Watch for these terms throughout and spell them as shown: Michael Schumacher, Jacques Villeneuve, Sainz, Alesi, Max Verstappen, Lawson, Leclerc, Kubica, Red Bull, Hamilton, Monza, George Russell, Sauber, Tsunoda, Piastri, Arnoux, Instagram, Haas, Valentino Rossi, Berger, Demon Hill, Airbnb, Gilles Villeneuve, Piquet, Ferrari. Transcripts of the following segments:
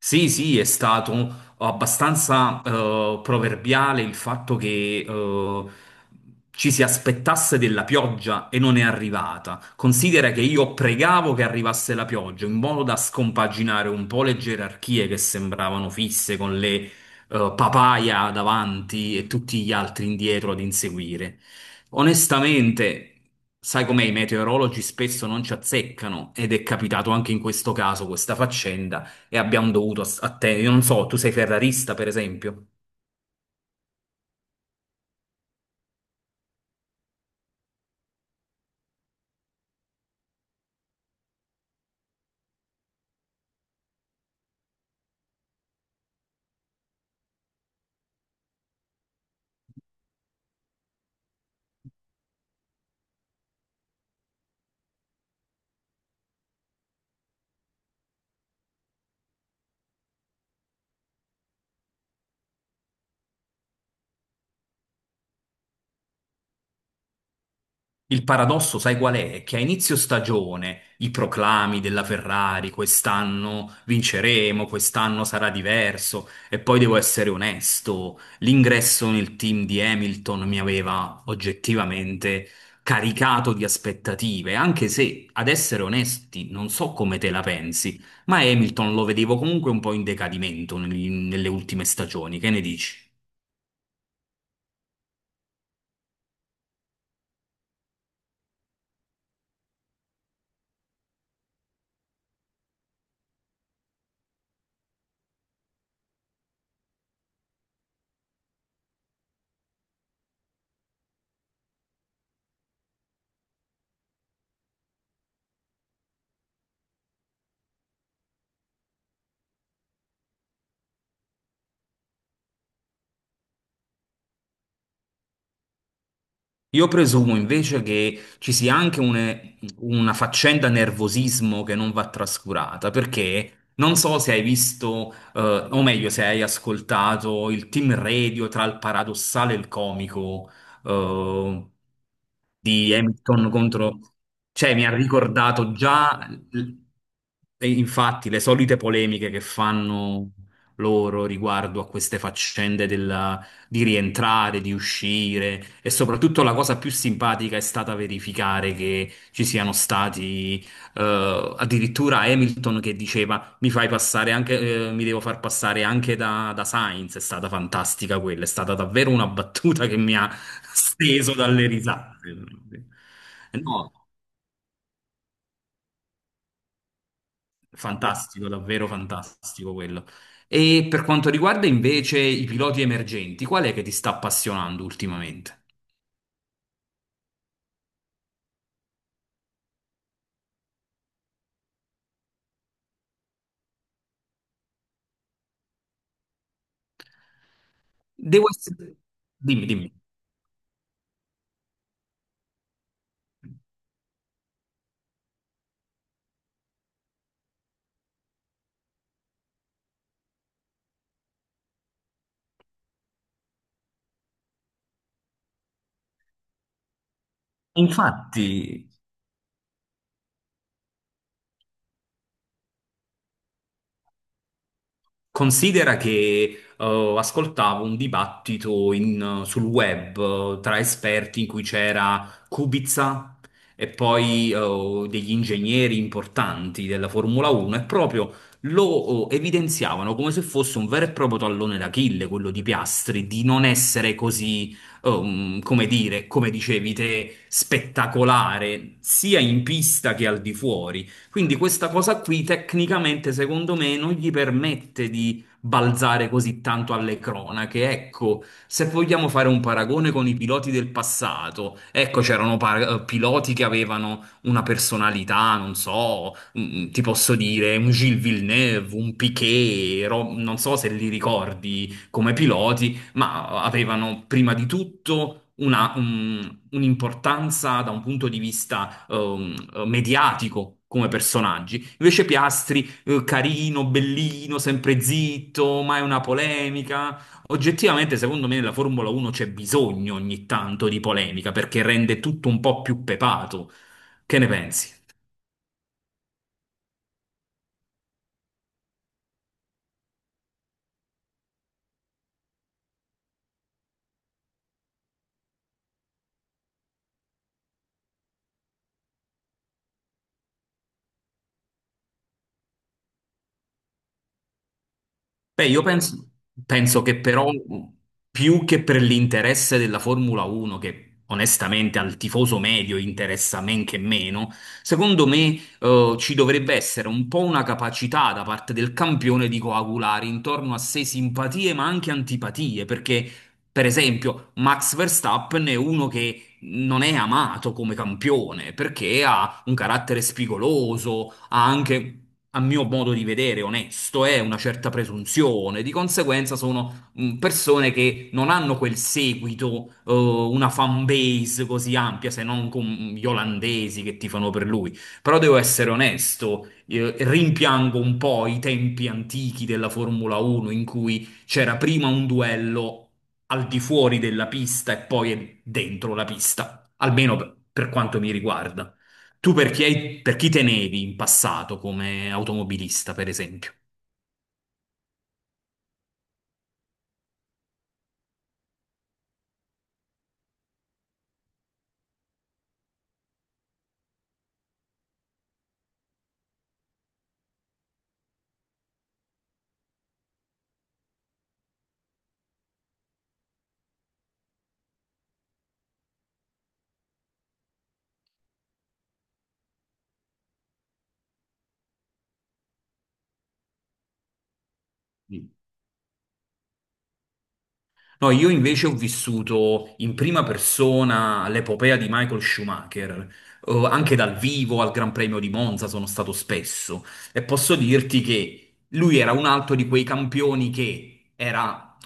Sì, sì, è stato abbastanza proverbiale il fatto che ci si aspettasse della pioggia e non è arrivata. Considera che io pregavo che arrivasse la pioggia in modo da scompaginare un po' le gerarchie che sembravano fisse con le papaya davanti e tutti gli altri indietro ad inseguire. Onestamente, sai com'è, i meteorologi spesso non ci azzeccano ed è capitato anche in questo caso questa faccenda e abbiamo dovuto attendere. Io non so, tu sei ferrarista, per esempio. Il paradosso, sai qual è? Che a inizio stagione i proclami della Ferrari, quest'anno vinceremo, quest'anno sarà diverso, e poi devo essere onesto, l'ingresso nel team di Hamilton mi aveva oggettivamente caricato di aspettative, anche se, ad essere onesti, non so come te la pensi, ma Hamilton lo vedevo comunque un po' in decadimento nelle ultime stagioni, che ne dici? Io presumo invece che ci sia anche una faccenda nervosismo che non va trascurata, perché non so se hai visto, o meglio, se hai ascoltato il team radio tra il paradossale e il comico. eh, di Hamilton contro... Cioè, mi ha ricordato già. E infatti, le solite polemiche che fanno loro riguardo a queste faccende di rientrare, di uscire e soprattutto la cosa più simpatica è stata verificare che ci siano stati addirittura Hamilton che diceva mi fai passare anche, mi devo far passare anche da, da Sainz. È stata fantastica quella, è stata davvero una battuta che mi ha steso dalle risate. No, fantastico, davvero fantastico quello. E per quanto riguarda invece i piloti emergenti, qual è che ti sta appassionando ultimamente? Devo essere... Dimmi, dimmi. Infatti. Considera che ascoltavo un dibattito sul web, tra esperti in cui c'era Kubica e poi degli ingegneri importanti della Formula 1 e proprio lo evidenziavano come se fosse un vero e proprio tallone d'Achille, quello di Piastri, di non essere così, come dire, come dicevi te, spettacolare sia in pista che al di fuori. Quindi questa cosa qui tecnicamente secondo me non gli permette di balzare così tanto alle cronache. Ecco, se vogliamo fare un paragone con i piloti del passato, ecco c'erano piloti che avevano una personalità, non so, ti posso dire un Gilles Villeneuve, un Piquet, non so se li ricordi come piloti, ma avevano prima di tutto un'importanza da un punto di vista mediatico come personaggi. Invece Piastri, carino, bellino, sempre zitto, mai una polemica. Oggettivamente, secondo me, nella Formula 1 c'è bisogno ogni tanto di polemica perché rende tutto un po' più pepato. Che ne pensi? Beh, penso che però più che per l'interesse della Formula 1, che onestamente al tifoso medio interessa men che meno, secondo me ci dovrebbe essere un po' una capacità da parte del campione di coagulare intorno a sé simpatie ma anche antipatie, perché per esempio Max Verstappen è uno che non è amato come campione perché ha un carattere spigoloso. Ha anche, a mio modo di vedere, onesto, una certa presunzione. Di conseguenza sono persone che non hanno quel seguito, una fan base così ampia, se non con gli olandesi che tifano per lui. Però devo essere onesto, rimpiango un po' i tempi antichi della Formula 1 in cui c'era prima un duello al di fuori della pista e poi dentro la pista, almeno per quanto mi riguarda. Tu per chi, per chi tenevi in passato come automobilista, per esempio? No, io invece ho vissuto in prima persona l'epopea di Michael Schumacher, anche dal vivo al Gran Premio di Monza sono stato spesso e posso dirti che lui era un altro di quei campioni che era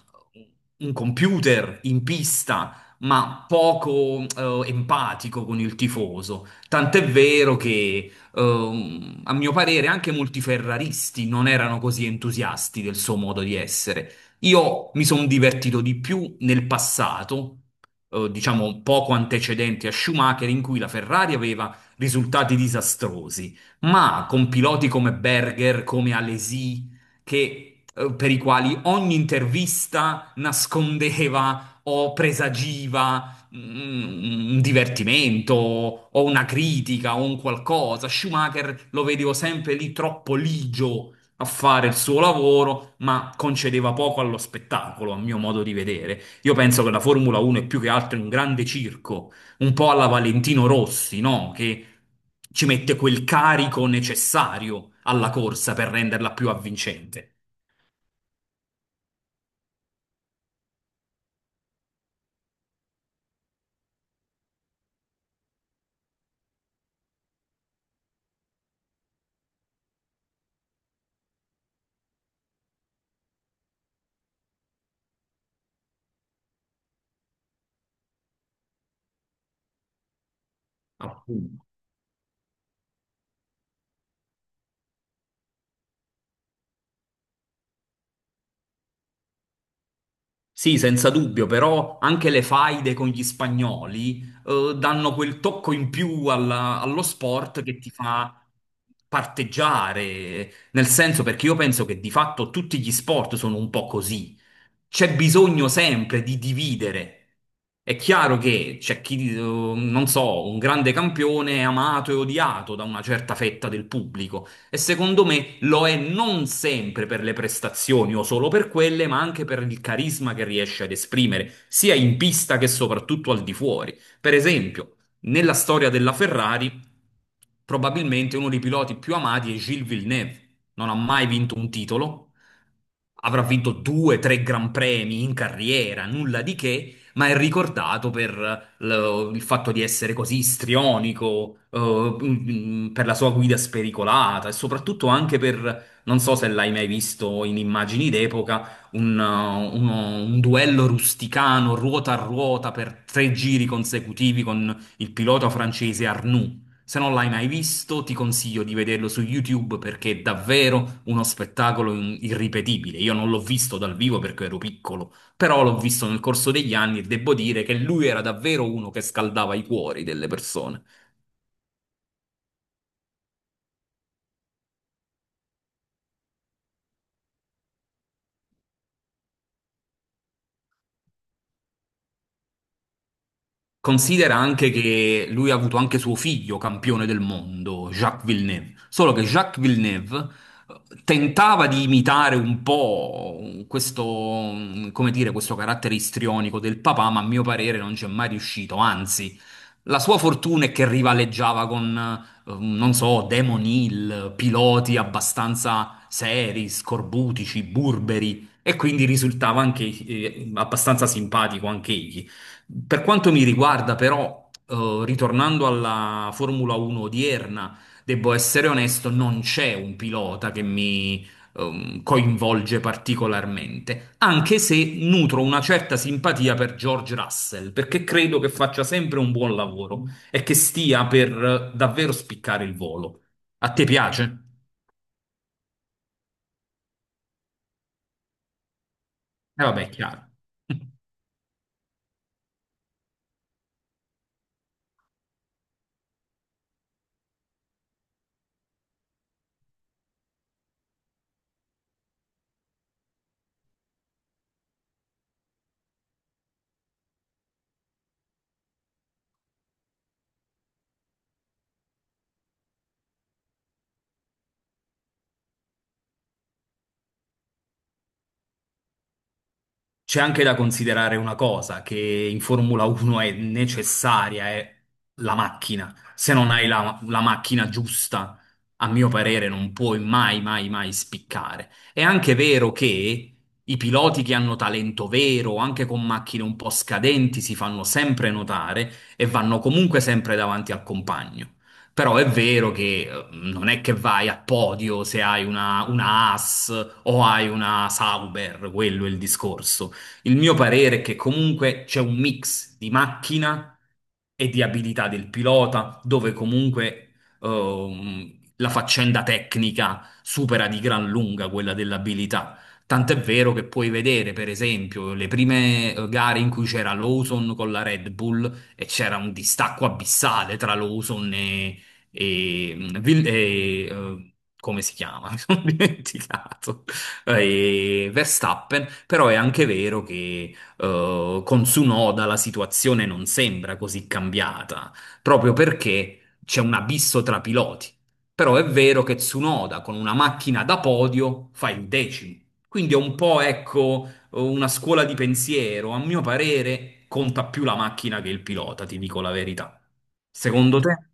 un computer in pista, ma poco empatico con il tifoso. Tant'è vero che, a mio parere, anche molti ferraristi non erano così entusiasti del suo modo di essere. Io mi sono divertito di più nel passato, diciamo poco antecedenti a Schumacher, in cui la Ferrari aveva risultati disastrosi, ma con piloti come Berger, come Alesi, che, per i quali ogni intervista nascondeva o presagiva un divertimento o una critica o un qualcosa. Schumacher lo vedevo sempre lì troppo ligio a fare il suo lavoro, ma concedeva poco allo spettacolo, a mio modo di vedere. Io penso che la Formula 1 è più che altro un grande circo, un po' alla Valentino Rossi, no? Che ci mette quel carico necessario alla corsa per renderla più avvincente. Appunto. Sì, senza dubbio, però anche le faide con gli spagnoli danno quel tocco in più allo sport che ti fa parteggiare, nel senso perché io penso che di fatto tutti gli sport sono un po' così. C'è bisogno sempre di dividere. È chiaro che c'è chi, non so, un grande campione è amato e odiato da una certa fetta del pubblico. E secondo me me lo è non sempre per le prestazioni o solo per quelle, ma anche per il carisma che riesce ad esprimere, sia in pista che soprattutto al di fuori. Per esempio, nella storia della Ferrari, probabilmente uno dei piloti più amati è Gilles Villeneuve. Non ha mai vinto un titolo, avrà vinto due, tre gran premi in carriera, nulla di che, ma è ricordato per il fatto di essere così istrionico, per la sua guida spericolata e soprattutto anche per, non so se l'hai mai visto in immagini d'epoca, un duello rusticano ruota a ruota per 3 giri consecutivi con il pilota francese Arnoux. Se non l'hai mai visto, ti consiglio di vederlo su YouTube perché è davvero uno spettacolo irripetibile. Io non l'ho visto dal vivo perché ero piccolo, però l'ho visto nel corso degli anni e devo dire che lui era davvero uno che scaldava i cuori delle persone. Considera anche che lui ha avuto anche suo figlio campione del mondo, Jacques Villeneuve. Solo che Jacques Villeneuve eh, tentava di imitare un po' questo, come dire, questo carattere istrionico del papà, ma a mio parere non ci è mai riuscito. Anzi, la sua fortuna è che rivaleggiava con, non so, Demon Hill, piloti abbastanza seri, scorbutici, burberi, e quindi risultava anche abbastanza simpatico anche egli. Per quanto mi riguarda, però, ritornando alla Formula 1 odierna, devo essere onesto, non c'è un pilota che mi coinvolge particolarmente, anche se nutro una certa simpatia per George Russell, perché credo che faccia sempre un buon lavoro e che stia per davvero spiccare il volo. A te piace? E vabbè, è chiaro. C'è anche da considerare una cosa, che in Formula 1 è necessaria, è la macchina. Se non hai la macchina giusta, a mio parere, non puoi mai, mai, mai spiccare. È anche vero che i piloti che hanno talento vero, anche con macchine un po' scadenti, si fanno sempre notare e vanno comunque sempre davanti al compagno. Però è vero che non è che vai a podio se hai una Haas o hai una Sauber, quello è il discorso. Il mio parere è che comunque c'è un mix di macchina e di abilità del pilota, dove comunque la faccenda tecnica supera di gran lunga quella dell'abilità. Tant'è vero che puoi vedere, per esempio, le prime gare in cui c'era Lawson con la Red Bull e c'era un distacco abissale tra Lawson e, eh, come si chiama? Mi sono dimenticato e Verstappen, però è anche vero che con Tsunoda la situazione non sembra così cambiata, proprio perché c'è un abisso tra piloti. Però è vero che Tsunoda con una macchina da podio fa il decimo. Quindi è un po', ecco, una scuola di pensiero. A mio parere conta più la macchina che il pilota, ti dico la verità. Secondo te?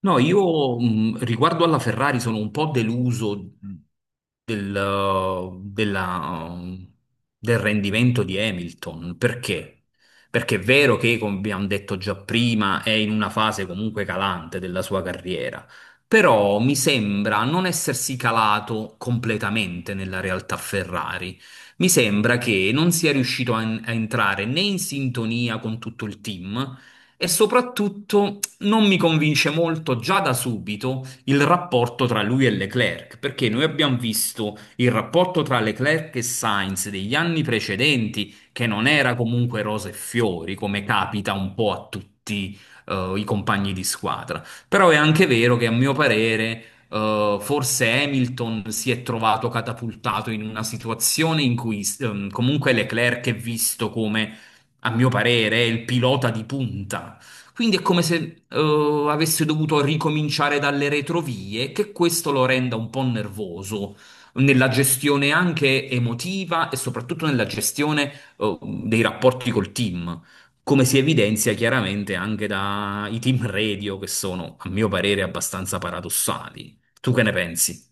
No, io riguardo alla Ferrari sono un po' deluso. Mm. Del, del rendimento di Hamilton. Perché? Perché è vero che, come abbiamo detto già prima, è in una fase comunque calante della sua carriera, però mi sembra non essersi calato completamente nella realtà Ferrari. Mi sembra che non sia riuscito a entrare né in sintonia con tutto il team e soprattutto non mi convince molto già da subito il rapporto tra lui e Leclerc, perché noi abbiamo visto il rapporto tra Leclerc e Sainz degli anni precedenti, che non era comunque rose e fiori, come capita un po' a tutti, i compagni di squadra. Però è anche vero che a mio parere, forse Hamilton si è trovato catapultato in una situazione in cui, comunque Leclerc è visto come a mio parere, è il pilota di punta, quindi è come se avesse dovuto ricominciare dalle retrovie, che questo lo renda un po' nervoso nella gestione anche emotiva e soprattutto nella gestione dei rapporti col team, come si evidenzia chiaramente anche dai team radio, che sono, a mio parere, abbastanza paradossali. Tu che ne pensi?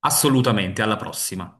Assolutamente, alla prossima.